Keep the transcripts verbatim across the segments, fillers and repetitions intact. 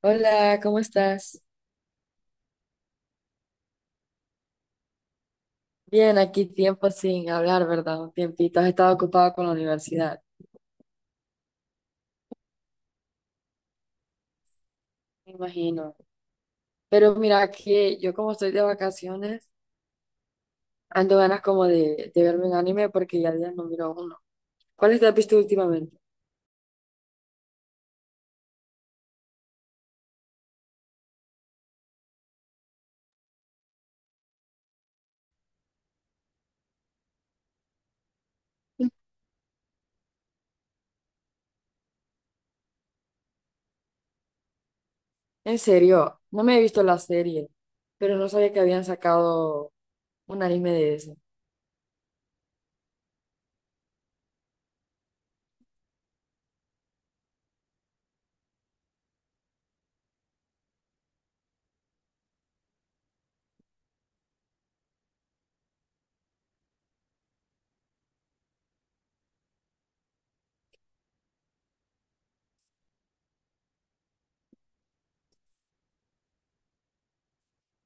Hola, ¿cómo estás? Bien, aquí tiempo sin hablar, ¿verdad? Un tiempito. Has estado ocupado con la universidad, me imagino. Pero mira, que yo como estoy de vacaciones, ando ganas como de, de verme un anime porque ya días no miro uno. ¿Cuáles te has visto últimamente? En serio, no me he visto la serie, pero no sabía que habían sacado un anime de eso.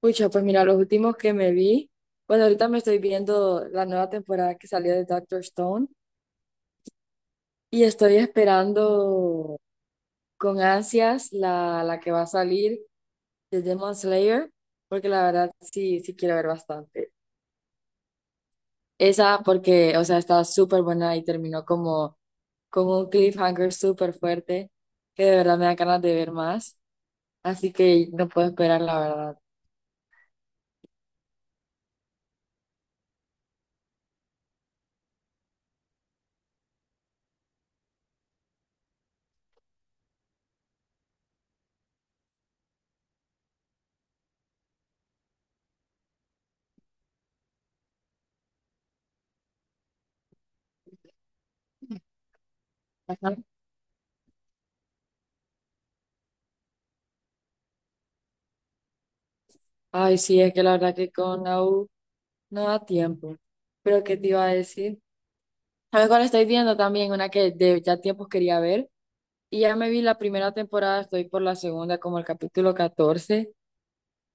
Pucha, pues mira, los últimos que me vi, bueno, ahorita me estoy viendo la nueva temporada que salió de Doctor Stone y estoy esperando con ansias la, la que va a salir de Demon Slayer, porque la verdad sí, sí quiero ver bastante. Esa porque, o sea, estaba súper buena y terminó como con un cliffhanger súper fuerte, que de verdad me da ganas de ver más, así que no puedo esperar, la verdad. Ajá. Ay, sí, es que la verdad que con A U no da tiempo. Pero ¿qué te iba a decir? ¿Sabes cuál estoy viendo también? Una que de ya tiempos quería ver. Y ya me vi la primera temporada, estoy por la segunda, como el capítulo catorce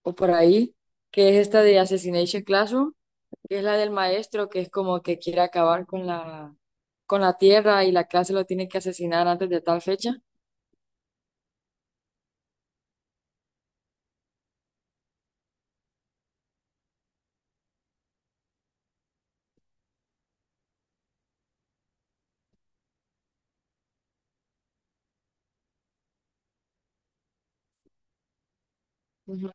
o por ahí, que es esta de Assassination Classroom, que es la del maestro que es como que quiere acabar con la, con la tierra y la clase lo tiene que asesinar antes de tal fecha. Ujú.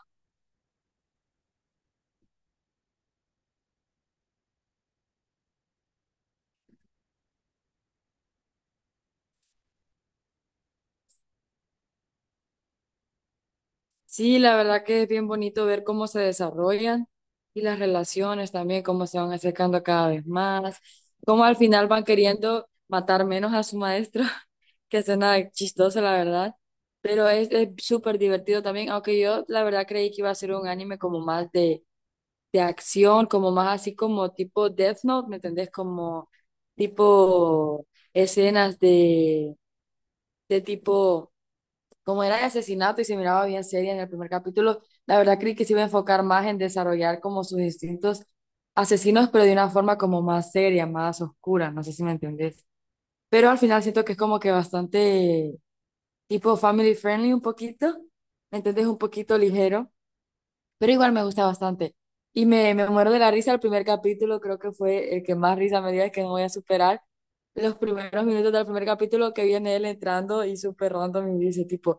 Sí, la verdad que es bien bonito ver cómo se desarrollan y las relaciones también, cómo se van acercando cada vez más, cómo al final van queriendo matar menos a su maestro, que suena chistoso, la verdad. Pero es es súper divertido también, aunque yo la verdad creí que iba a ser un anime como más de de acción, como más así como tipo Death Note, ¿me entendés? Como tipo escenas de, de tipo, como era de asesinato y se miraba bien seria en el primer capítulo, la verdad creí que se iba a enfocar más en desarrollar como sus distintos asesinos, pero de una forma como más seria, más oscura, no sé si me entendés. Pero al final siento que es como que bastante tipo family friendly un poquito, ¿me entendés? Un poquito ligero pero igual me gusta bastante. Y me, me muero de la risa el primer capítulo, creo que fue el que más risa me dio, es que no voy a superar. Los primeros minutos del primer capítulo que viene él entrando y súper random y dice tipo,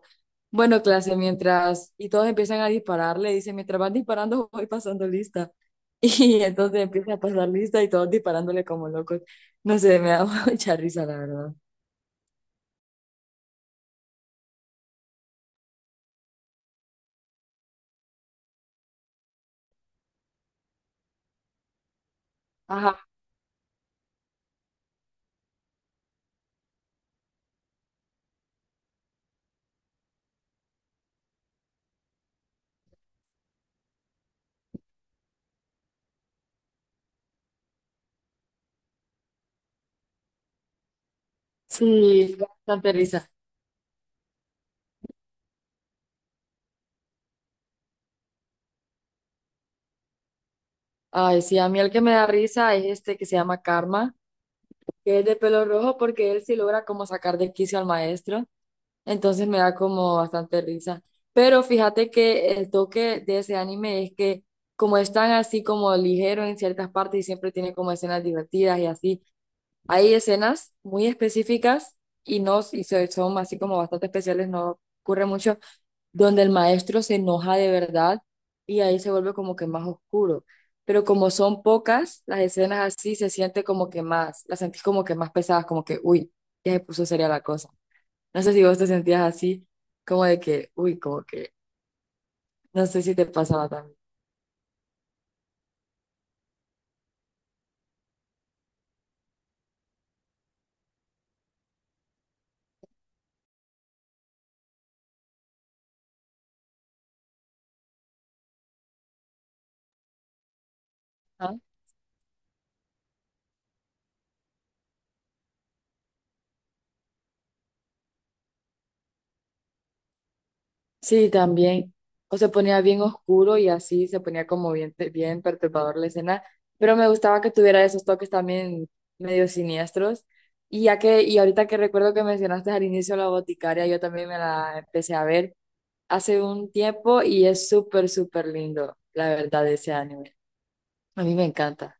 bueno, clase, mientras, y todos empiezan a dispararle, dice, mientras van disparando voy pasando lista. Y entonces empieza a pasar lista y todos disparándole como locos. No sé, me da mucha risa, la verdad. Ajá, sí, bastante risa. Ay, sí, a mí el que me da risa es este que se llama Karma que es de pelo rojo porque él sí logra como sacar de quicio al maestro, entonces me da como bastante risa. Pero fíjate que el toque de ese anime es que como es tan así como ligero en ciertas partes y siempre tiene como escenas divertidas y así, hay escenas muy específicas y no, y se- son así como bastante especiales, no ocurre mucho, donde el maestro se enoja de verdad y ahí se vuelve como que más oscuro. Pero como son pocas, las escenas así se siente como que más, las sentís como que más pesadas, como que, uy, ya se puso seria la cosa. No sé si vos te sentías así, como de que, uy, como que, no sé si te pasaba también. Sí, también. O se ponía bien oscuro y así se ponía como bien, bien perturbador la escena. Pero me gustaba que tuviera esos toques también medio siniestros. Y ya que, y ahorita que recuerdo que mencionaste al inicio la boticaria, yo también me la empecé a ver hace un tiempo y es súper, súper lindo, la verdad, ese anime. A mí me encanta.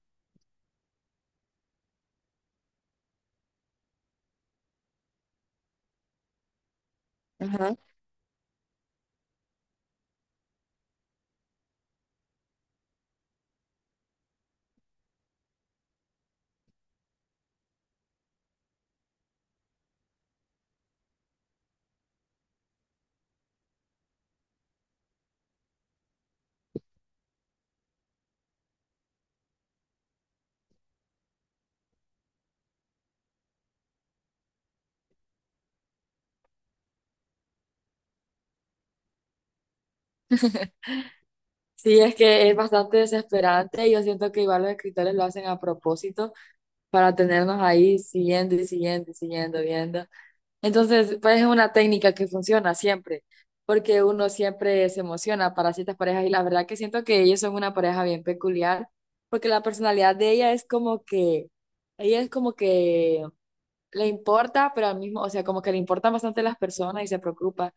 Ajá. Sí, es que es bastante desesperante y yo siento que igual los escritores lo hacen a propósito para tenernos ahí siguiendo y siguiendo y siguiendo viendo. Entonces, pues es una técnica que funciona siempre, porque uno siempre se emociona para ciertas parejas y la verdad que siento que ellos son una pareja bien peculiar, porque la personalidad de ella es como que, ella es como que le importa, pero al mismo, o sea, como que le importan bastante las personas y se preocupa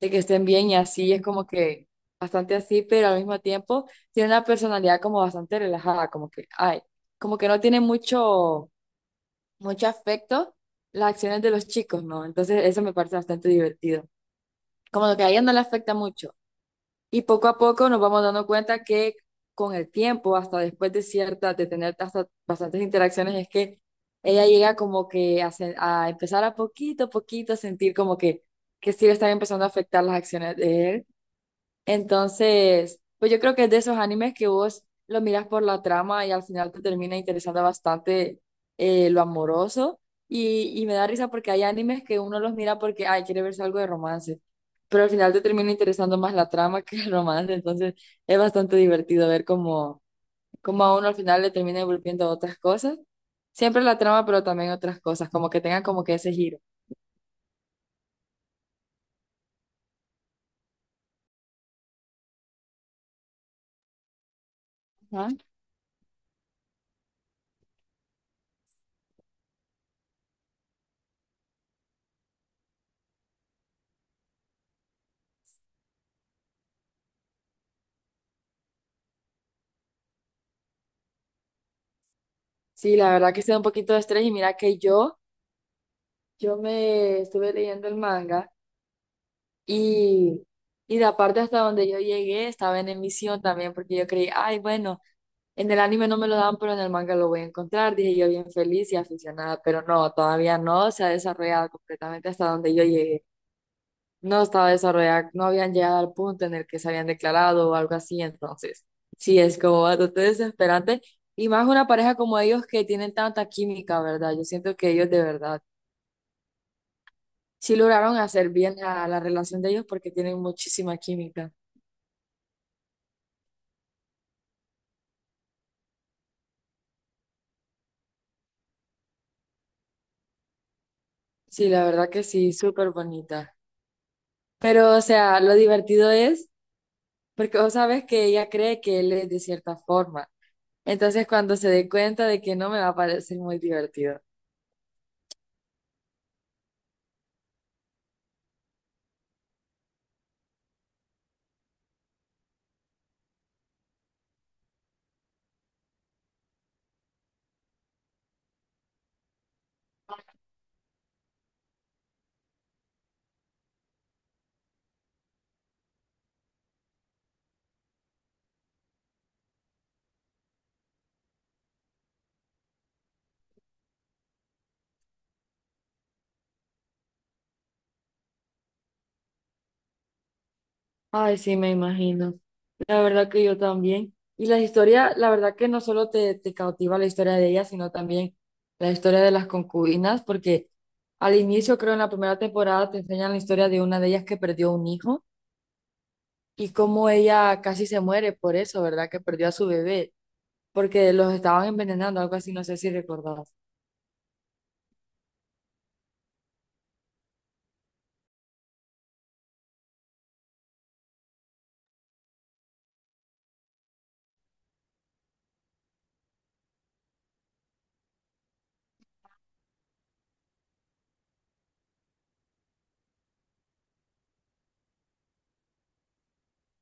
de que estén bien y así, es como que bastante así, pero al mismo tiempo tiene una personalidad como bastante relajada, como que, ay, como que no tiene mucho mucho afecto las acciones de los chicos, ¿no? Entonces eso me parece bastante divertido. Como lo que a ella no le afecta mucho. Y poco a poco nos vamos dando cuenta que con el tiempo, hasta después de ciertas, de tener hasta bastantes interacciones, es que ella llega como que a, sen- a empezar a poquito a poquito a sentir como que, que sí le están empezando a afectar las acciones de él entonces, pues yo creo que es de esos animes que vos lo miras por la trama y al final te termina interesando bastante eh, lo amoroso. Y, y me da risa porque hay animes que uno los mira porque, ay, quiere verse algo de romance. Pero al final te termina interesando más la trama que el romance. Entonces, es bastante divertido ver cómo, cómo a uno al final le termina volviendo otras cosas. Siempre la trama, pero también otras cosas, como que tengan como que ese giro. Ajá. Sí, la verdad que se da un poquito de estrés y mira que yo, yo me estuve leyendo el manga. Y, y de parte hasta donde yo llegué estaba en emisión también porque yo creí, ay, bueno, en el anime no me lo dan, pero en el manga lo voy a encontrar, dije yo bien feliz y aficionada, pero no, todavía no se ha desarrollado completamente hasta donde yo llegué. No estaba desarrollada, no habían llegado al punto en el que se habían declarado o algo así, entonces sí es como bastante desesperante. Y más una pareja como ellos que tienen tanta química, ¿verdad? Yo siento que ellos de verdad sí lograron hacer bien a la relación de ellos porque tienen muchísima química. Sí, la verdad que sí, súper bonita. Pero, o sea, lo divertido es porque vos sabes que ella cree que él es de cierta forma. Entonces, cuando se dé cuenta de que no me va a parecer muy divertido. Ay, sí, me imagino. La verdad que yo también. Y la historia, la verdad que no solo te, te cautiva la historia de ella, sino también la historia de las concubinas, porque al inicio, creo en la primera temporada, te enseñan la historia de una de ellas que perdió un hijo y cómo ella casi se muere por eso, ¿verdad? Que perdió a su bebé porque los estaban envenenando, algo así, no sé si recordás.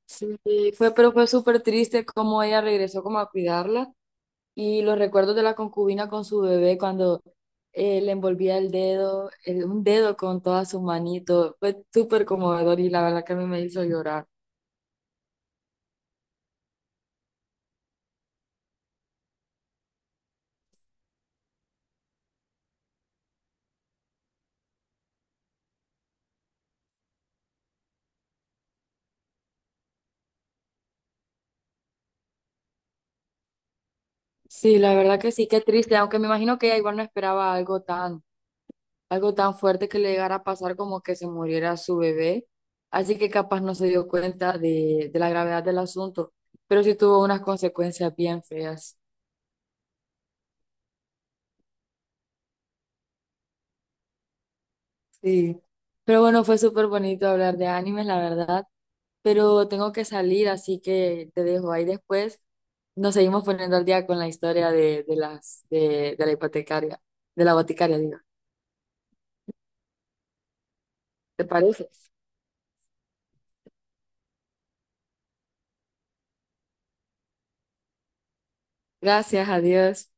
Sí, fue, pero fue súper triste cómo ella regresó como a cuidarla y los recuerdos de la concubina con su bebé cuando eh, le envolvía el dedo, el- un dedo con toda su manito, fue súper conmovedor y la verdad que a mí me hizo llorar. Sí, la verdad que sí, qué triste, aunque me imagino que ella igual no esperaba algo tan algo tan fuerte que le llegara a pasar como que se muriera su bebé. Así que capaz no se dio cuenta de, de la gravedad del asunto, pero sí tuvo unas consecuencias bien feas. Sí. Pero bueno, fue súper bonito hablar de animes, la verdad. Pero tengo que salir, así que te dejo ahí después. Nos seguimos poniendo al día con la historia de, de las de, de la hipotecaria, de la boticaria, digo. ¿Te parece? Gracias, adiós.